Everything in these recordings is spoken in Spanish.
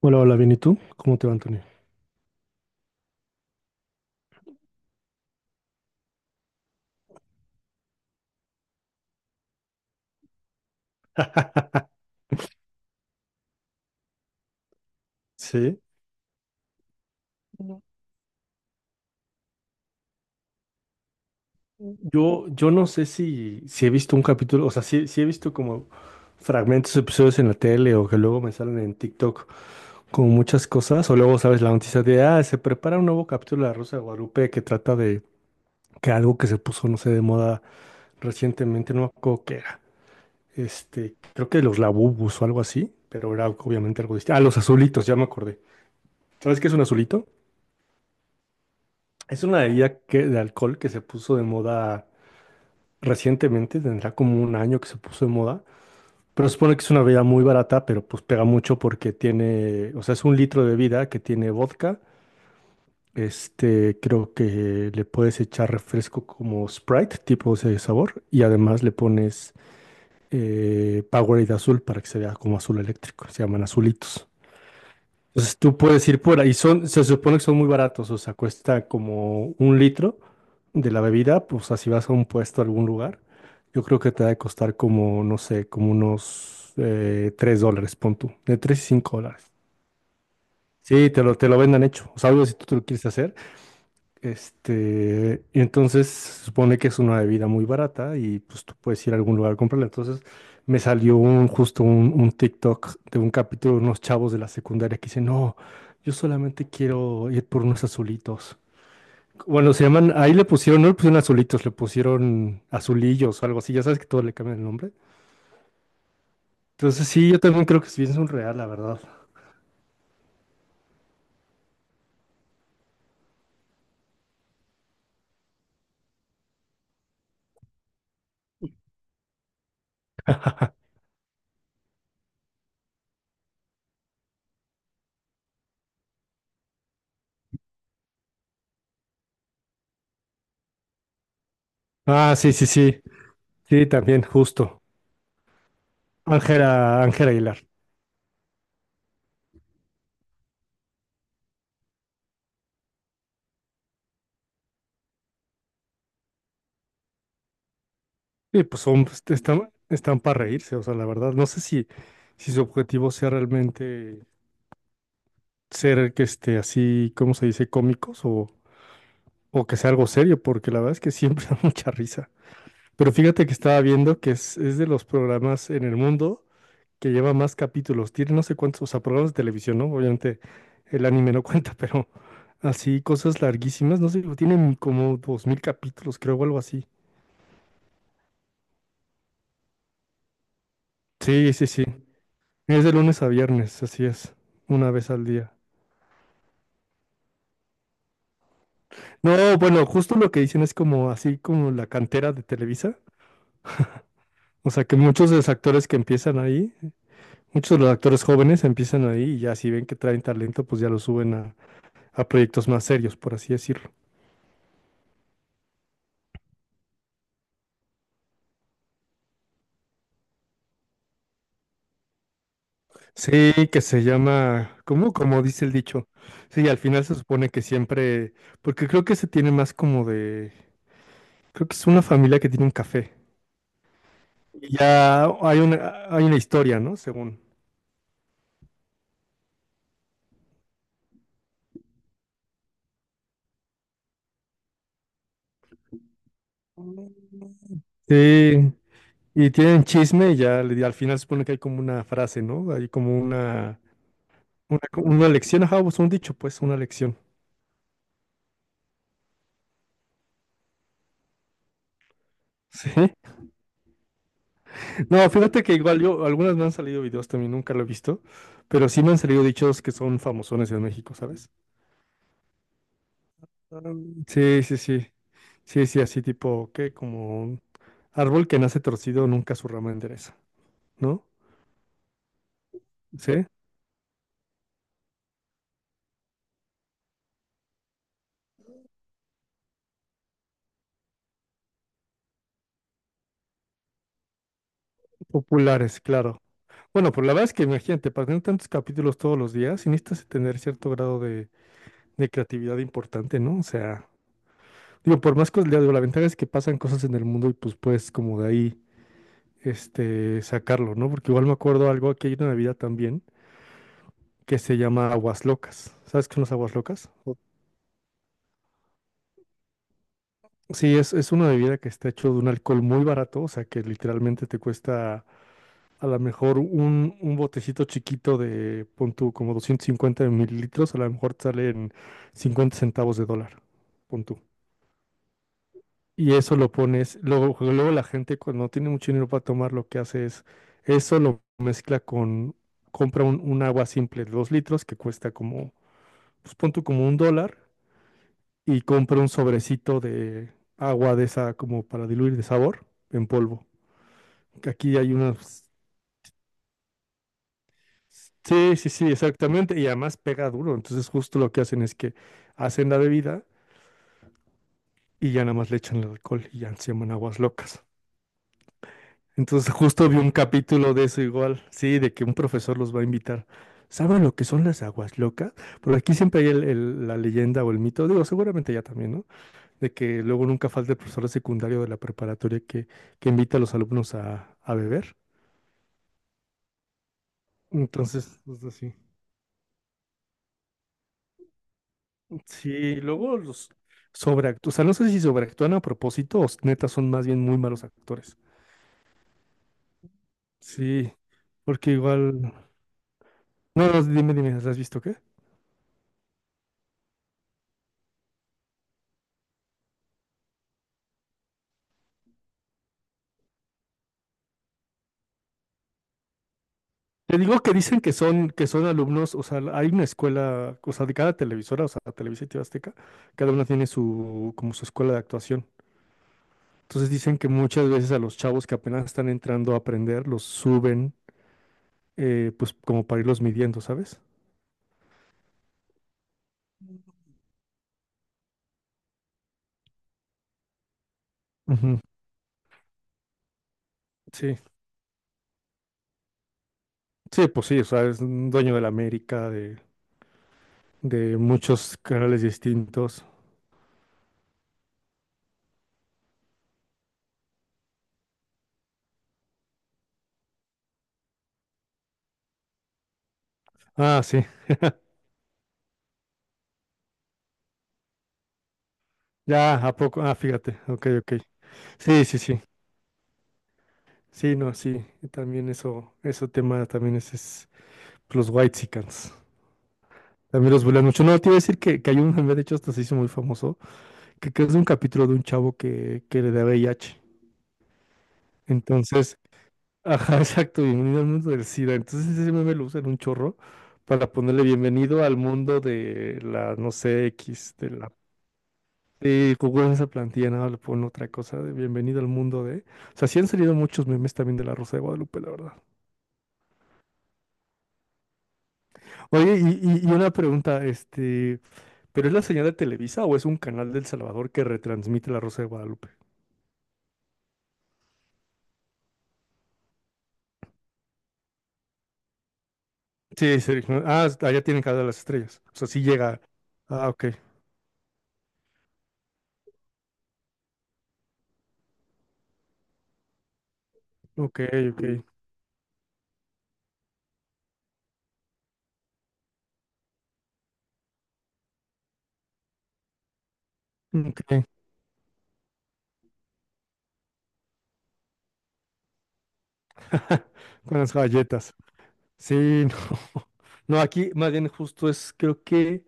Hola, hola, bien, ¿y tú? ¿Cómo te va, Antonio? Sí. No. Yo no sé si he visto un capítulo, o sea, sí he visto como fragmentos, episodios en la tele o que luego me salen en TikTok como muchas cosas, o luego sabes la noticia de, ah, se prepara un nuevo capítulo de La Rosa de Guadalupe que trata de que algo que se puso, no sé, de moda recientemente, no me acuerdo qué era, este, creo que los labubus o algo así, pero era obviamente algo distinto. Ah, los azulitos, ya me acordé. ¿Sabes qué es un azulito? Es una bebida que, de alcohol que se puso de moda recientemente, tendrá como un año que se puso de moda, pero se supone que es una bebida muy barata, pero pues pega mucho porque tiene, o sea, es un litro de bebida que tiene vodka, este, creo que le puedes echar refresco como Sprite, tipo ese sabor, y además le pones Powerade azul para que se vea como azul eléctrico, se llaman azulitos. Entonces tú puedes ir por ahí, son, se supone que son muy baratos, o sea, cuesta como un litro de la bebida, pues así vas a un puesto a algún lugar, yo creo que te va a costar como, no sé, como unos $3, pon tú, de 3 y 5 dólares. Sí, te lo vendan hecho, o sea, algo si tú te lo quieres hacer, este, y entonces se supone que es una bebida muy barata y pues tú puedes ir a algún lugar a comprarla. Entonces me salió justo un TikTok de un capítulo de unos chavos de la secundaria que dicen, no, yo solamente quiero ir por unos azulitos. Bueno, se llaman, ahí le pusieron, no le pusieron azulitos, le pusieron azulillos o algo así, ya sabes que todo le cambia el nombre. Entonces sí, yo también creo que sí es un real la verdad. Ah, sí, sí, sí, sí, también, justo. Ángela, Ángela Aguilar. Sí, pues son, pues, están, están para reírse, o sea, la verdad, no sé si, si su objetivo sea realmente ser que esté así, ¿cómo se dice? ¿Cómicos o que sea algo serio? Porque la verdad es que siempre da mucha risa. Pero fíjate que estaba viendo que es de los programas en el mundo que lleva más capítulos, tiene no sé cuántos, o sea, programas de televisión, ¿no? Obviamente el anime no cuenta, pero así cosas larguísimas, no sé, tienen como 2000 capítulos, creo, o algo así. Sí, sí, sí. Es de lunes a viernes, así es, una vez al día. No, bueno, justo lo que dicen es como así como la cantera de Televisa. O sea que muchos de los actores que empiezan ahí, muchos de los actores jóvenes empiezan ahí y ya si ven que traen talento, pues ya lo suben a proyectos más serios, por así decirlo. Sí, que se llama, ¿cómo? Como dice el dicho. Sí, al final se supone que siempre, porque creo que se tiene más como de, creo que es una familia que tiene un café. Y ya hay una historia, ¿no? Según. Sí. Y tienen chisme y ya le- al final supone que hay como una frase, ¿no? Hay como una lección, ajá, pues un dicho, pues una lección. Sí. No, fíjate que igual yo, algunas me han salido videos también, nunca lo he visto, pero sí me han salido dichos que son famosones en México, ¿sabes? Ah, sí, sí, sí. Sí, sí, así tipo, que como un árbol que nace torcido nunca su rama endereza, ¿no? Sí. Populares, claro. Bueno, pues la verdad es que imagínate, para tener tantos capítulos todos los días, sí necesitas tener cierto grado de creatividad importante, ¿no? O sea, digo, por más cosas, digo, la ventaja es que pasan cosas en el mundo y pues puedes como de ahí, este, sacarlo, ¿no? Porque igual me acuerdo algo, aquí hay una bebida también que se llama aguas locas. ¿Sabes qué son las aguas locas? O sí, es una bebida que está hecho de un alcohol muy barato, o sea, que literalmente te cuesta a lo mejor un botecito chiquito de, pon tú, como 250 mililitros, a lo mejor te salen 50 centavos de dólar, pon tú. Y eso lo pones. Luego, luego la gente cuando no tiene mucho dinero para tomar, lo que hace es eso lo mezcla con, compra un agua simple de 2 litros que cuesta como, pues pon tú como un dólar y compra un sobrecito de agua de esa como para diluir de sabor en polvo. Que aquí hay unas. Sí, sí, sí, exactamente. Y además pega duro. Entonces justo lo que hacen es que hacen la bebida y ya nada más le echan el alcohol y ya se llaman aguas locas. Entonces justo vi un capítulo de eso igual, sí, de que un profesor los va a invitar. ¿Saben lo que son las aguas locas? Por aquí siempre hay el- la leyenda o el mito, digo, seguramente ya también, ¿no? De que luego nunca falta el profesor de secundario de la preparatoria que invita a los alumnos a beber. Entonces, pues, así. Sí, luego los sobreactúan, o sea, no sé si sobreactúan a propósito o s- neta son más bien muy malos actores. Sí, porque igual. No, no, dime, dime, ¿las has visto qué? Te digo que dicen que son alumnos, o sea, hay una escuela, o sea, de cada televisora, o sea, Televisa y TV Azteca, cada una tiene su, como su escuela de actuación. Entonces dicen que muchas veces a los chavos que apenas están entrando a aprender, los suben, pues como para irlos midiendo, ¿sabes? Ujú. Sí, sí, pues sí, o sea, es un dueño de la América, de muchos canales distintos. Ah, sí, ya, ¿a poco? Ah, fíjate, ok, ok. Sí, sí, sí, sí, no, sí, también eso, ese tema también es Los Whitexicans. También los bulean mucho. No, te iba a decir que hay un meme, de hecho, hasta se hizo muy famoso, que es de un capítulo de un chavo que le da VIH. Entonces, ajá, exacto, bienvenido al mundo del SIDA. Entonces ese meme lo usan un chorro para ponerle bienvenido al mundo de la, no sé, X, de la. Sí, Google en esa plantilla, nada, le ponen otra cosa de bienvenido al mundo de. O sea, sí han salido muchos memes también de la Rosa de Guadalupe, la verdad. Oye, y una pregunta, este, ¿pero es la señal de Televisa o es un canal del Salvador que retransmite La Rosa de Guadalupe? Sí, sí. ¿No? Ah, allá tienen cada de las estrellas. O sea, sí llega. Ah, ok, ok, ok. Ok. Con las galletas. Sí, no. No, aquí más bien justo es, creo que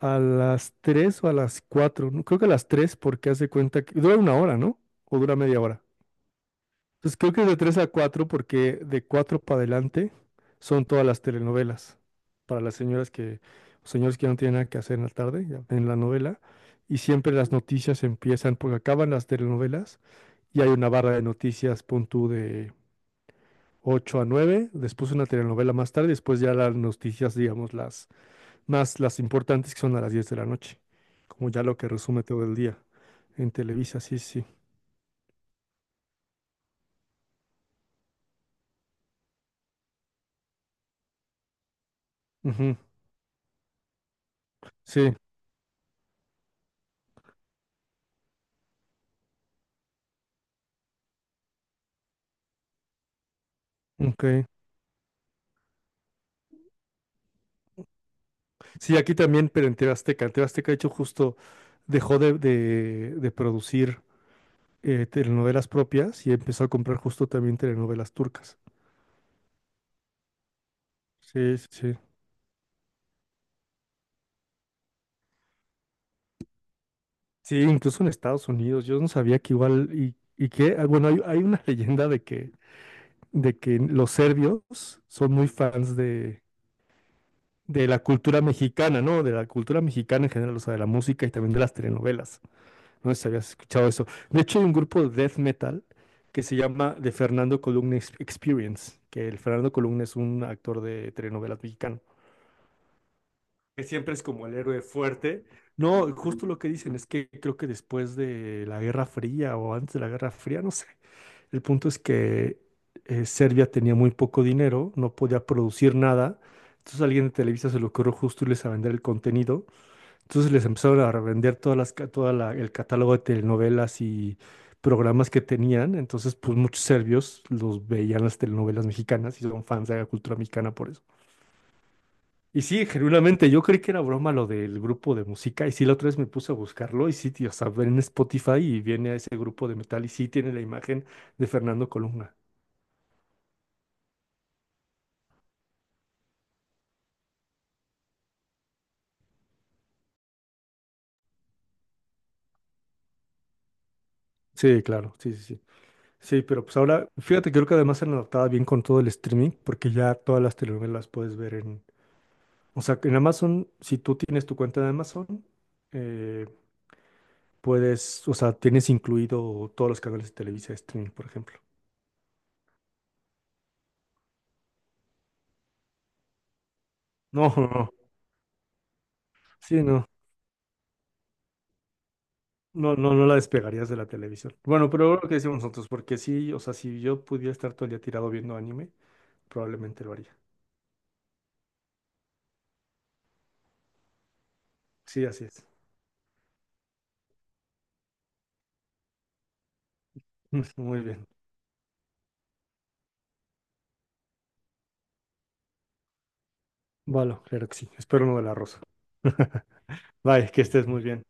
a las 3 o a las 4. ¿No? Creo que a las 3, porque hace cuenta que dura una hora, ¿no? O dura media hora. Pues creo que es de 3 a 4 porque de 4 para adelante son todas las telenovelas. Para las señoras que, señores que no tienen nada que hacer en la tarde, ya ven la novela. Y siempre las noticias empiezan, porque acaban las telenovelas y hay una barra de noticias, pon tú, de 8 a nueve, después una telenovela más tarde, después ya las noticias, digamos, las más las importantes que son a las 10 de la noche. Como ya lo que resume todo el día en Televisa, sí, sí. Ujú, sí, ok. Sí, aquí también, pero en TV Azteca. En TV Azteca, de hecho, justo dejó de, de producir telenovelas propias y empezó a comprar justo también telenovelas turcas. Sí, sí, sí. Sí, incluso en Estados Unidos. Yo no sabía que igual, y que, ah, bueno, hay una leyenda de que los serbios son muy fans de la cultura mexicana, ¿no? De la cultura mexicana en general, o sea, de la música y también de las telenovelas. No sé si habías escuchado eso. De hecho, hay un grupo de death metal que se llama The Fernando Columna Experience, que el Fernando Columna es un actor de telenovelas mexicano, que siempre es como el héroe fuerte. No, justo lo que dicen es que creo que después de la Guerra Fría o antes de la Guerra Fría, no sé. El punto es que Serbia tenía muy poco dinero, no podía producir nada. Entonces a alguien de Televisa se le ocurrió justo irles a vender el contenido, entonces les empezaron a revender todas las, el catálogo de telenovelas y programas que tenían. Entonces, pues muchos serbios los veían las telenovelas mexicanas y son fans de la cultura mexicana por eso. Y sí, genuinamente, yo creí que era broma lo del grupo de música. Y sí, la otra vez me puse a buscarlo y sí, tío, o sea, ven en Spotify y viene a ese grupo de metal y sí tiene la imagen de Fernando Colunga. Sí, claro, sí, sí, sí. Sí, pero pues ahora, fíjate, creo que además se han adaptado bien con todo el streaming, porque ya todas las telenovelas puedes ver en. O sea, que en Amazon, si tú tienes tu cuenta de Amazon, eh, puedes, o sea, tienes incluido todos los canales de Televisa Streaming, por ejemplo. No, no, no. Sí, no. No, no, no la despegarías de la televisión. Bueno, pero lo que decimos nosotros, porque sí, o sea, si yo pudiera estar todo el día tirado viendo anime, probablemente lo haría. Sí, así es. Muy bien. Vale, claro que sí. Espero no de la rosa. Bye, que estés muy bien.